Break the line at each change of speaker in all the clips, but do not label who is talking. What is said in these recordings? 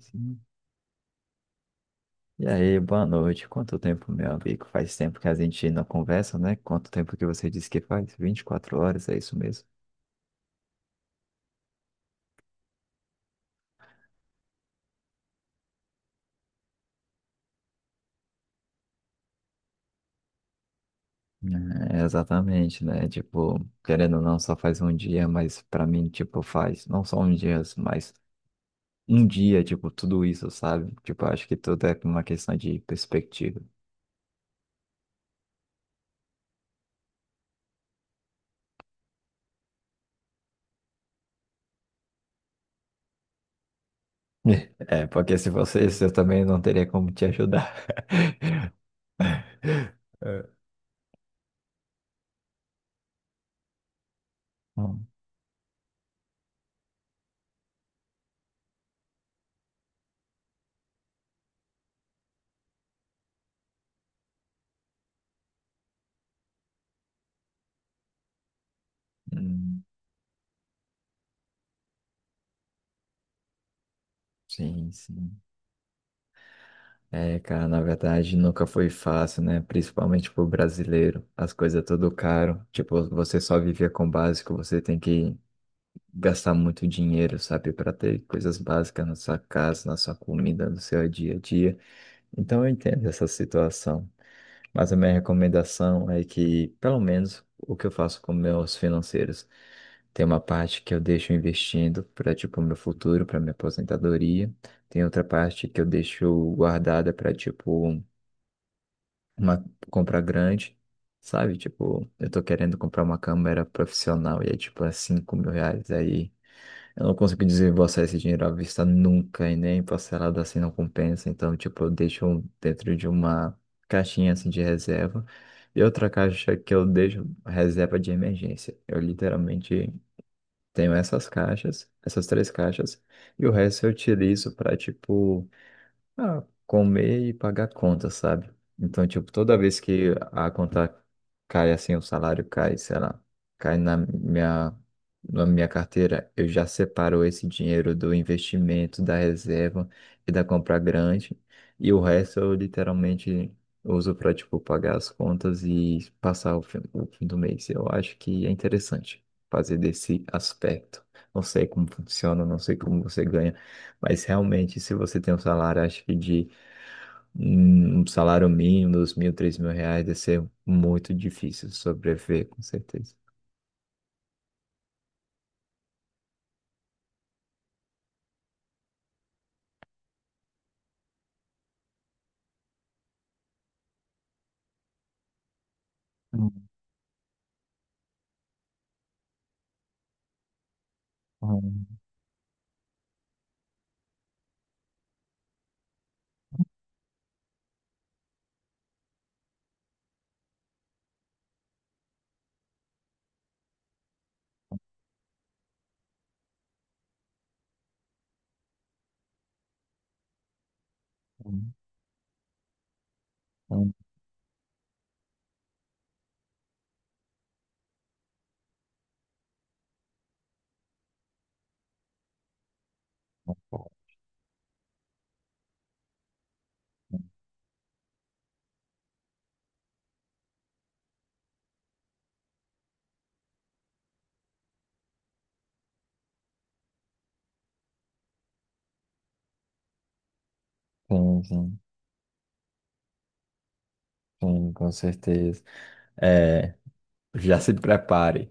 Sim. E aí, boa noite. Quanto tempo, meu amigo? Faz tempo que a gente não conversa, né? Quanto tempo que você disse que faz? 24 horas, é isso mesmo? É, exatamente, né? Tipo, querendo ou não, só faz um dia, mas pra mim, tipo, faz não só um dia, mas um dia, tipo, tudo isso, sabe? Tipo, acho que tudo é uma questão de perspectiva. É, porque se você, eu também não teria como te ajudar. É. Hum, sim, sim. É, cara, na verdade nunca foi fácil, né? Principalmente pro brasileiro. As coisas é tudo caro. Tipo, você só viver com o básico, você tem que gastar muito dinheiro, sabe? Pra ter coisas básicas na sua casa, na sua comida, no seu dia a dia. Então eu entendo essa situação. Mas a minha recomendação é que, pelo menos, o que eu faço com meus financeiros. Tem uma parte que eu deixo investindo para, tipo, meu futuro, para minha aposentadoria. Tem outra parte que eu deixo guardada para, tipo, uma compra grande, sabe? Tipo, eu tô querendo comprar uma câmera profissional e é tipo R$ 5.000. Aí eu não consigo desembolsar esse dinheiro à vista nunca e nem parcelado assim não compensa. Então, tipo, eu deixo dentro de uma caixinha assim de reserva e outra caixa que eu deixo reserva de emergência. Eu literalmente tenho essas três caixas, e o resto eu utilizo para tipo. Ah, comer e pagar conta, sabe? Então, tipo, toda vez que a conta cai assim, o salário cai, sei lá, cai na minha carteira, eu já separo esse dinheiro do investimento, da reserva e da compra grande. E o resto eu literalmente uso para, tipo, pagar as contas e passar o fim do mês. Eu acho que é interessante fazer desse aspecto. Não sei como funciona, não sei como você ganha. Mas realmente, se você tem um salário, acho que de um salário mínimo, dos mil, R$ 3.000, deve ser muito difícil sobreviver, com certeza. Hum, hum, hum, hum. Sim, sim, sim, com certeza. É, já se prepare.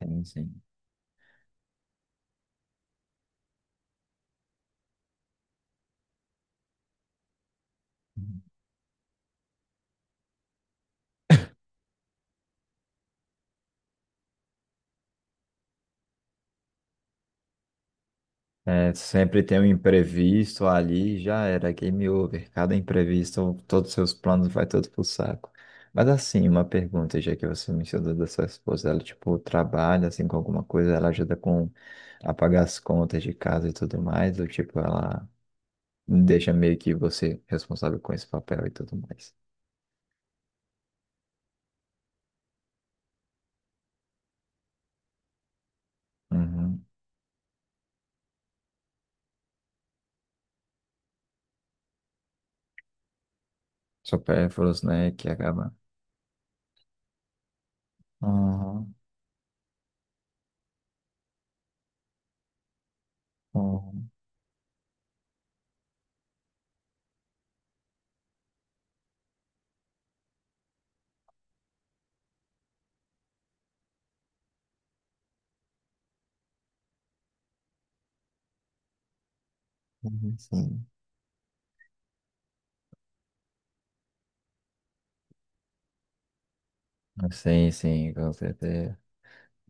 Sim, sim. É, sempre tem um imprevisto ali, já era, game over. Cada imprevisto, todos os seus planos vai todo pro saco. Mas assim, uma pergunta, já que você mencionou da sua esposa, ela tipo trabalha assim com alguma coisa, ela ajuda com a pagar as contas de casa e tudo mais, ou tipo ela deixa meio que você responsável com esse papel e tudo mais. Uhum. Supérfluos, né, que acaba. Uhum. Uhum. Sim, sim, com certeza.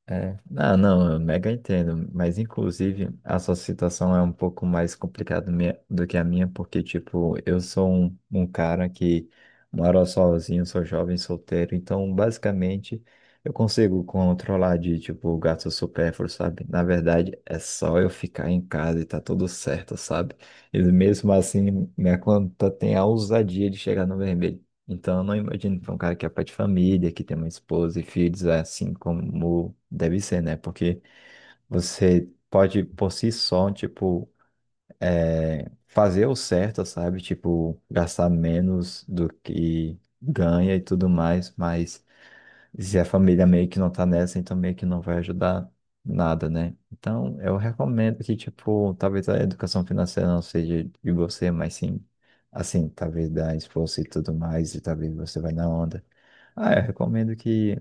É. Ah, não, eu mega entendo, mas inclusive a sua situação é um pouco mais complicada do que a minha, porque, tipo, eu sou um cara que mora sozinho, sou jovem, solteiro, então, basicamente, eu consigo controlar de, tipo, gasto supérfluo, sabe? Na verdade, é só eu ficar em casa e tá tudo certo, sabe? E mesmo assim, minha conta tem a ousadia de chegar no vermelho. Então, eu não imagino para um cara que é pai de família, que tem uma esposa e filhos, é assim como deve ser, né? Porque você pode, por si só, tipo, é, fazer o certo, sabe? Tipo, gastar menos do que ganha e tudo mais, mas se a família meio que não tá nessa, então meio que não vai ajudar nada, né? Então, eu recomendo que, tipo, talvez a educação financeira não seja de você, mas sim, assim, talvez da esposa e tudo mais, e talvez você vai na onda. Ah, eu recomendo que,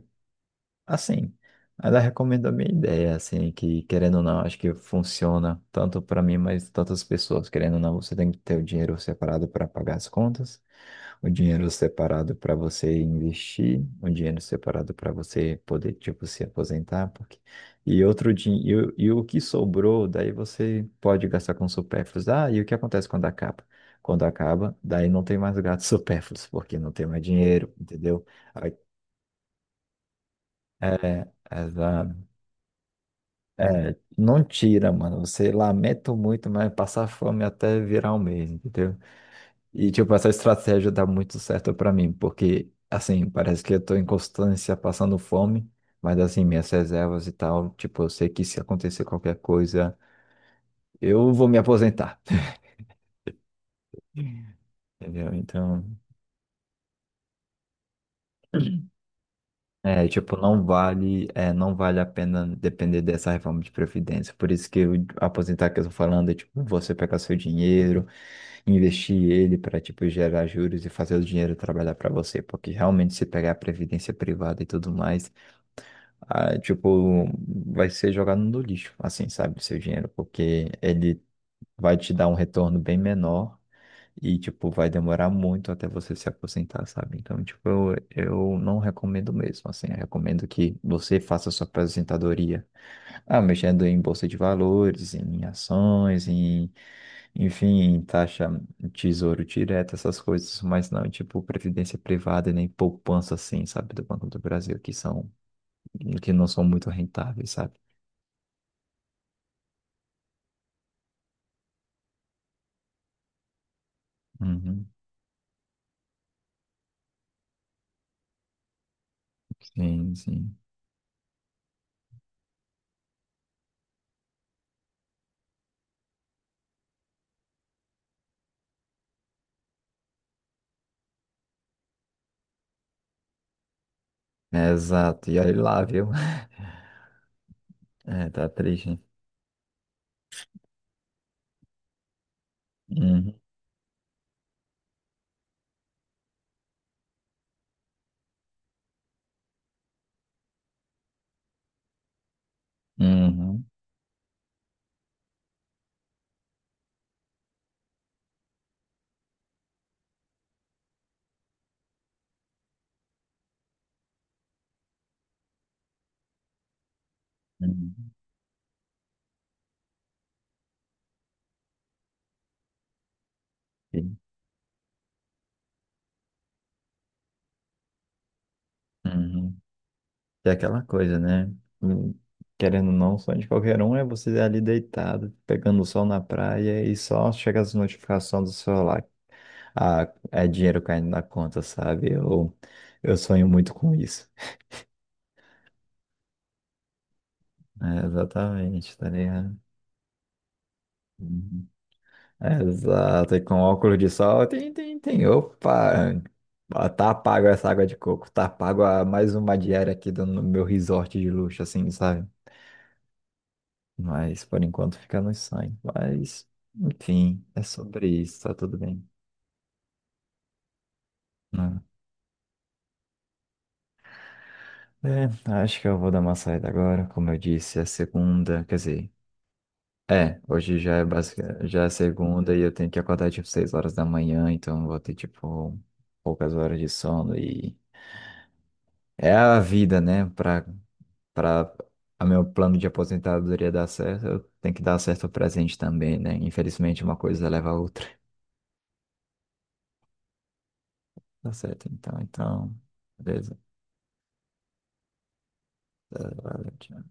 assim, ela recomenda a minha ideia, assim, que querendo ou não, acho que funciona tanto para mim, mas tantas pessoas. Querendo ou não, você tem que ter o dinheiro separado para pagar as contas, o dinheiro separado para você investir, o dinheiro separado para você poder, tipo, se aposentar, porque... E outro dinheiro, e, e o que sobrou, daí você pode gastar com supérfluos. Ah, e o que acontece quando acaba? Quando acaba, daí não tem mais gatos supérfluos, porque não tem mais dinheiro, entendeu? É, exato. É, não tira, mano. Você lamenta muito, mas passar fome até virar um mês, entendeu? E, tipo, essa estratégia dá muito certo pra mim, porque, assim, parece que eu tô em constância passando fome, mas, assim, minhas reservas e tal, tipo, eu sei que se acontecer qualquer coisa, eu vou me aposentar, entendeu? Então. É, tipo, não vale, é, não vale a pena depender dessa reforma de previdência. Por isso que eu aposentar que eu tô falando é, tipo, você pegar seu dinheiro, investir ele para, tipo, gerar juros e fazer o dinheiro trabalhar para você. Porque realmente se pegar a previdência privada e tudo mais, ah, tipo, vai ser jogado no lixo, assim, sabe, seu dinheiro, porque ele vai te dar um retorno bem menor e, tipo, vai demorar muito até você se aposentar, sabe? Então, tipo, eu não recomendo mesmo, assim. Eu recomendo que você faça sua aposentadoria, ah, mexendo em bolsa de valores, em ações, em, enfim, em taxa, em tesouro direto, essas coisas. Mas não, tipo, previdência privada e nem poupança, assim, sabe? Do Banco do Brasil, que são, que não são muito rentáveis, sabe? Uhum. Sim, sim. Exato. E olha lá, viu? É, tá triste, hein? Uhum. Uhum. Uhum. Sim. Uhum. É aquela coisa, né? Hum. Querendo ou não, o sonho de qualquer um é você ali deitado, pegando o sol na praia e só chega as notificações do celular. Ah, é dinheiro caindo na conta, sabe? Eu sonho muito com isso. É, exatamente, tá ligado? Uhum. É, exato, e com óculos de sol, tem, tem, tem. Opa! Ah, tá pago essa água de coco, tá pago a mais uma diária aqui do, no meu resort de luxo, assim, sabe? Mas por enquanto fica no sangue. Mas, enfim, é sobre isso, tá tudo bem. Né? É, acho que eu vou dar uma saída agora. Como eu disse, é segunda, quer dizer, é, hoje já é basic- já é segunda e eu tenho que acordar tipo 6 horas da manhã, então eu vou ter tipo poucas horas de sono e é a vida, né? Pra a meu plano de aposentadoria dar certo, eu tenho que dar certo o presente também, né? Infelizmente uma coisa leva a outra. Tá certo, então, então, beleza. Verdade.